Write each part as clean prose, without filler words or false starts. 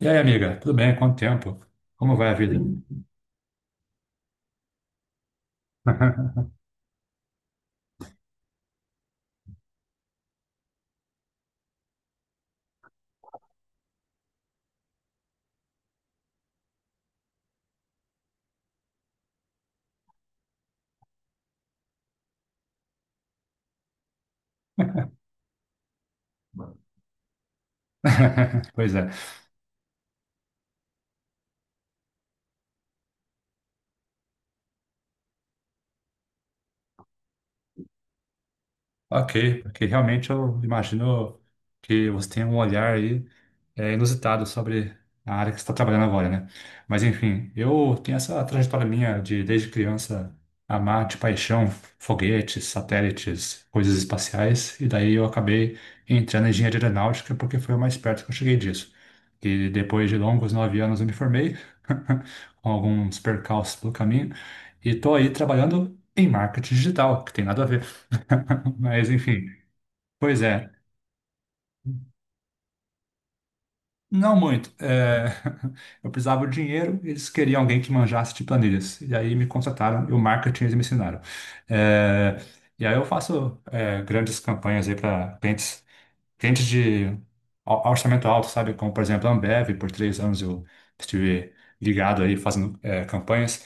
E aí, amiga, tudo bem? Quanto tempo? Como vai a vida? Pois é. Ok, porque realmente eu imagino que você tem um olhar aí inusitado sobre a área que você está trabalhando agora, né? Mas enfim, eu tenho essa trajetória minha de desde criança amar de paixão foguetes, satélites, coisas espaciais, e daí eu acabei entrando em engenharia aeronáutica porque foi o mais perto que eu cheguei disso. E depois de longos 9 anos eu me formei, com alguns percalços pelo caminho, e estou aí trabalhando em marketing digital, que tem nada a ver. Mas enfim, pois é. Não muito. Eu precisava de dinheiro, eles queriam alguém que manjasse de planilhas. E aí me contrataram e o marketing eles me ensinaram. É, E aí eu faço grandes campanhas aí para clientes, clientes de orçamento alto, sabe? Como, por exemplo, a Ambev, por 3 anos eu estive ligado aí fazendo campanhas.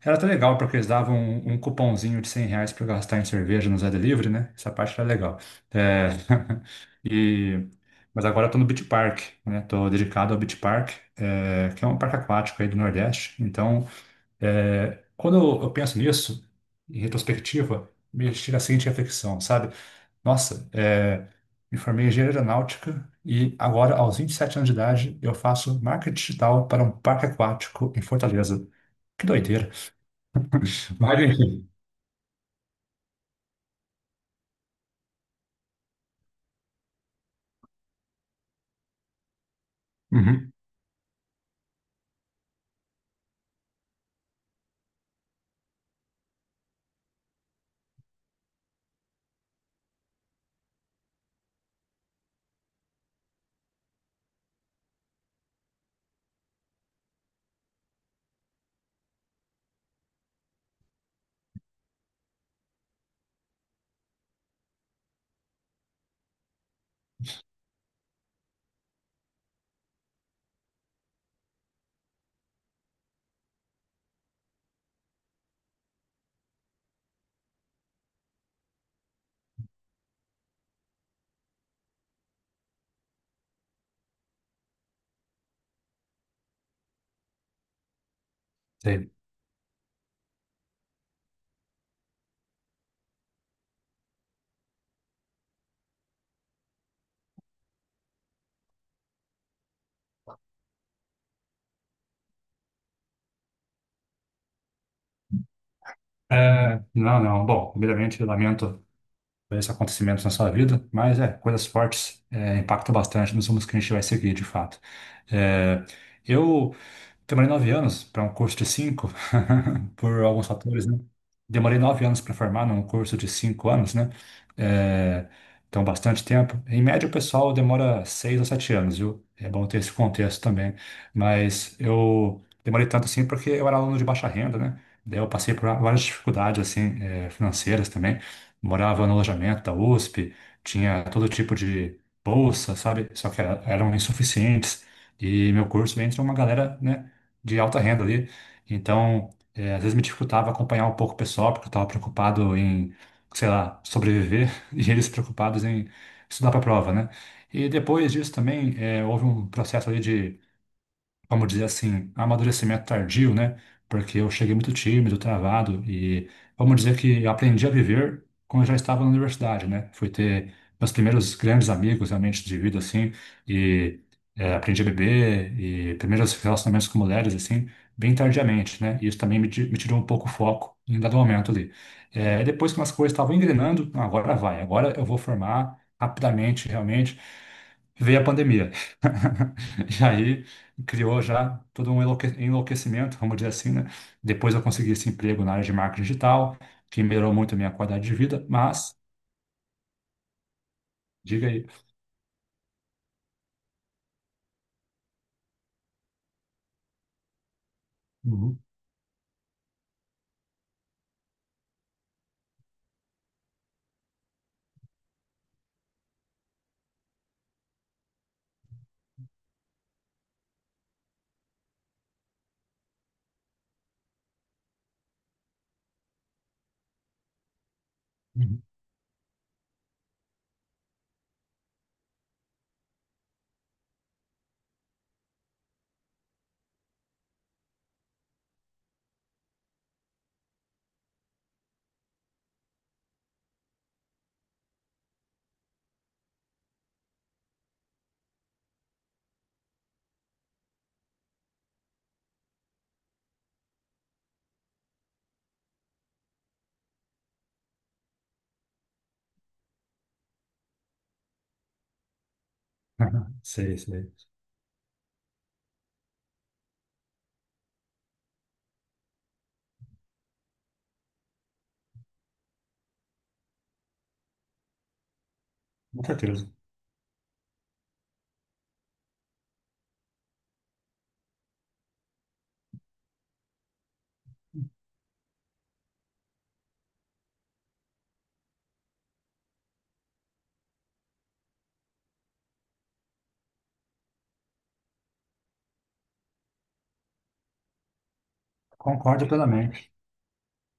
Era até legal porque eles davam um cupomzinho de 100 reais para gastar em cerveja no Zé Delivery, né? Essa parte era legal. É, e, mas agora eu tô no Beach Park, né? Tô dedicado ao Beach Park, que é um parque aquático aí do Nordeste. Então, quando eu penso nisso, em retrospectiva, me chega a seguinte reflexão, sabe? Nossa, é, me formei em engenharia aeronáutica e agora, aos 27 anos de idade, eu faço marketing digital para um parque aquático em Fortaleza. Que doideira. Mas, enfim, uhum, sei. Não, não. Bom, primeiramente, eu lamento por esse acontecimento na sua vida, mas coisas fortes impactam bastante nos rumos que a gente vai seguir, de fato. É, eu demorei 9 anos para um curso de cinco, por alguns fatores, né? Demorei 9 anos para formar num curso de 5 anos, né? É, então, bastante tempo. Em média, o pessoal demora 6 ou 7 anos, viu? É bom ter esse contexto também. Mas eu demorei tanto assim porque eu era aluno de baixa renda, né? Daí eu passei por várias dificuldades, assim, financeiras também. Morava no alojamento da USP, tinha todo tipo de bolsa, sabe? Só que eram insuficientes. E meu curso entra uma galera, né? De alta renda ali. Então, é, às vezes me dificultava acompanhar um pouco o pessoal, porque eu estava preocupado em, sei lá, sobreviver, e eles preocupados em estudar para a prova, né? E depois disso também, houve um processo ali de, vamos dizer assim, amadurecimento tardio, né? Porque eu cheguei muito tímido, travado, e vamos dizer que eu aprendi a viver quando eu já estava na universidade, né? Fui ter meus primeiros grandes amigos realmente de vida, assim, e aprendi a beber e primeiros relacionamentos com mulheres, assim, bem tardiamente, né? E isso também me tirou um pouco o foco em dado momento ali. Depois que as coisas estavam engrenando, "Ah, agora vai, agora eu vou formar rapidamente", realmente, veio a pandemia. E aí criou já todo um enlouquecimento, vamos dizer assim, né? Depois eu consegui esse emprego na área de marketing digital, que melhorou muito a minha qualidade de vida, mas, diga aí. Uhum, uhum. Sei, sei. Com certeza. Concordo plenamente.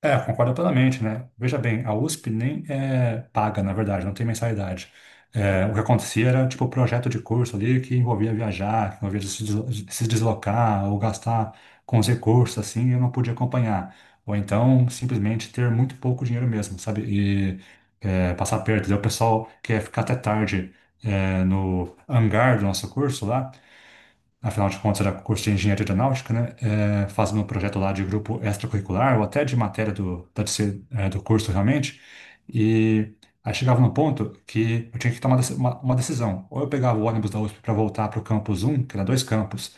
É, concordo plenamente, né? Veja bem, a USP nem é paga, na verdade, não tem mensalidade. É, o que acontecia era, tipo, projeto de curso ali que envolvia viajar, que envolvia se deslocar ou gastar com os recursos, assim, e eu não podia acompanhar. Ou então, simplesmente ter muito pouco dinheiro mesmo, sabe? E passar perto. Daí o pessoal quer ficar até tarde no hangar do nosso curso lá, afinal de contas era curso de engenharia aeronáutica, né? É, fazendo um projeto lá de grupo extracurricular ou até de matéria da TC, do curso realmente. E aí chegava num ponto que eu tinha que tomar uma decisão. Ou eu pegava o ônibus da USP para voltar para o campus um, que era dois campos,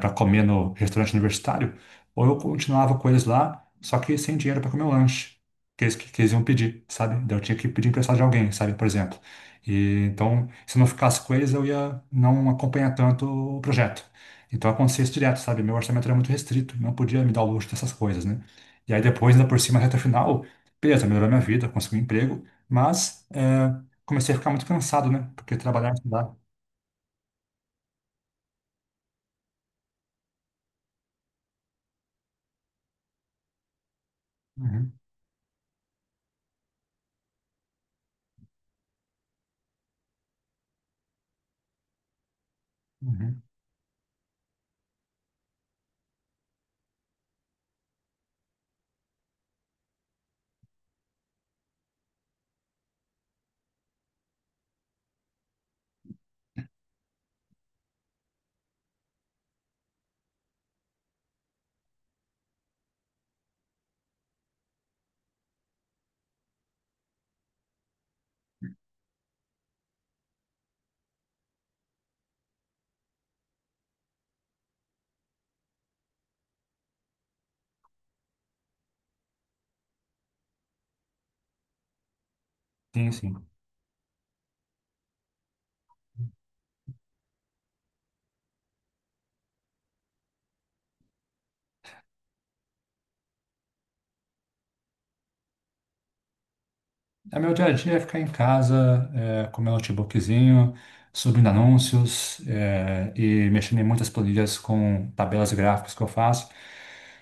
para comer no restaurante universitário, ou eu continuava com eles lá, só que sem dinheiro para comer o lanche. Que eles iam pedir, sabe? Daí eu tinha que pedir emprestado de alguém, sabe? Por exemplo. E, então, se eu não ficasse com eles, eu ia não acompanhar tanto o projeto. Então, acontecia isso direto, sabe? Meu orçamento era muito restrito, não podia me dar o luxo dessas coisas, né? E aí, depois, ainda por cima, reta final, beleza, melhorou minha vida, consegui um emprego, mas comecei a ficar muito cansado, né? Porque trabalhar, estudar. Uhum, uhum. Sim, sim. É, meu dia a dia é ficar em casa, é, com meu notebookzinho, subindo anúncios, é, e mexendo em muitas planilhas com tabelas gráficas que eu faço.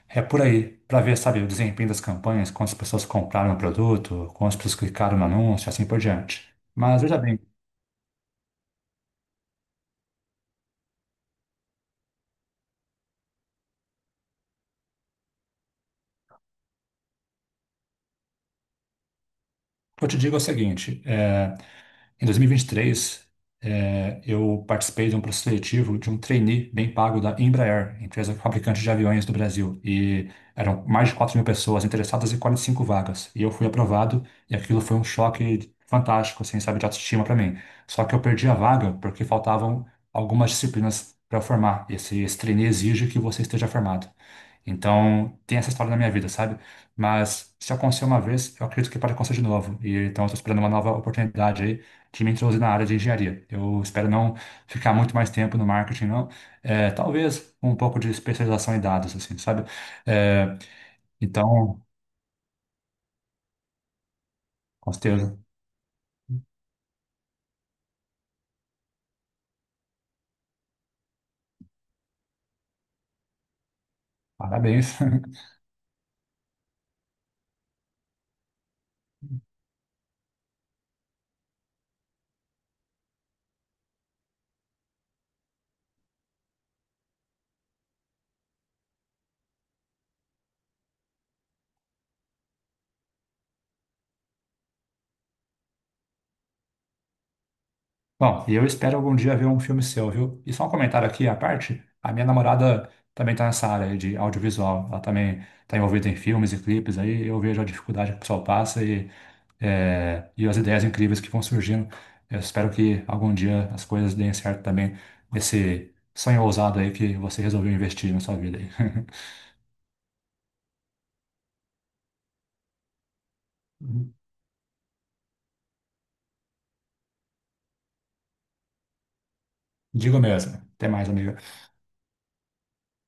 É por aí, para ver, sabe, o desempenho das campanhas, quantas pessoas compraram o produto, quantas pessoas clicaram no anúncio, assim por diante. Mas veja bem, o que eu te digo é o seguinte. É, Em 2023, eu participei de um processo seletivo de um trainee bem pago da Embraer, empresa fabricante de aviões do Brasil. E eram mais de 4 mil pessoas interessadas e 45 vagas. E eu fui aprovado, e aquilo foi um choque fantástico, assim, sabe, de autoestima para mim. Só que eu perdi a vaga porque faltavam algumas disciplinas para formar. Esse trainee exige que você esteja formado. Então, tem essa história na minha vida, sabe? Mas se aconteceu uma vez, eu acredito que pode acontecer de novo. E então, eu estou esperando uma nova oportunidade aí de me introduzir na área de engenharia. Eu espero não ficar muito mais tempo no marketing, não. É, talvez um pouco de especialização em dados, assim, sabe? É, então, com certeza, parabéns. Bom, e eu espero algum dia ver um filme seu, viu? E só um comentário aqui à parte, a minha namorada também está nessa área aí de audiovisual, ela também está envolvida em filmes e clipes aí, eu vejo a dificuldade que o pessoal passa e, e as ideias incríveis que vão surgindo. Eu espero que algum dia as coisas deem certo também nesse sonho ousado aí que você resolveu investir na sua vida aí. Digo mesmo. Até mais, amiga.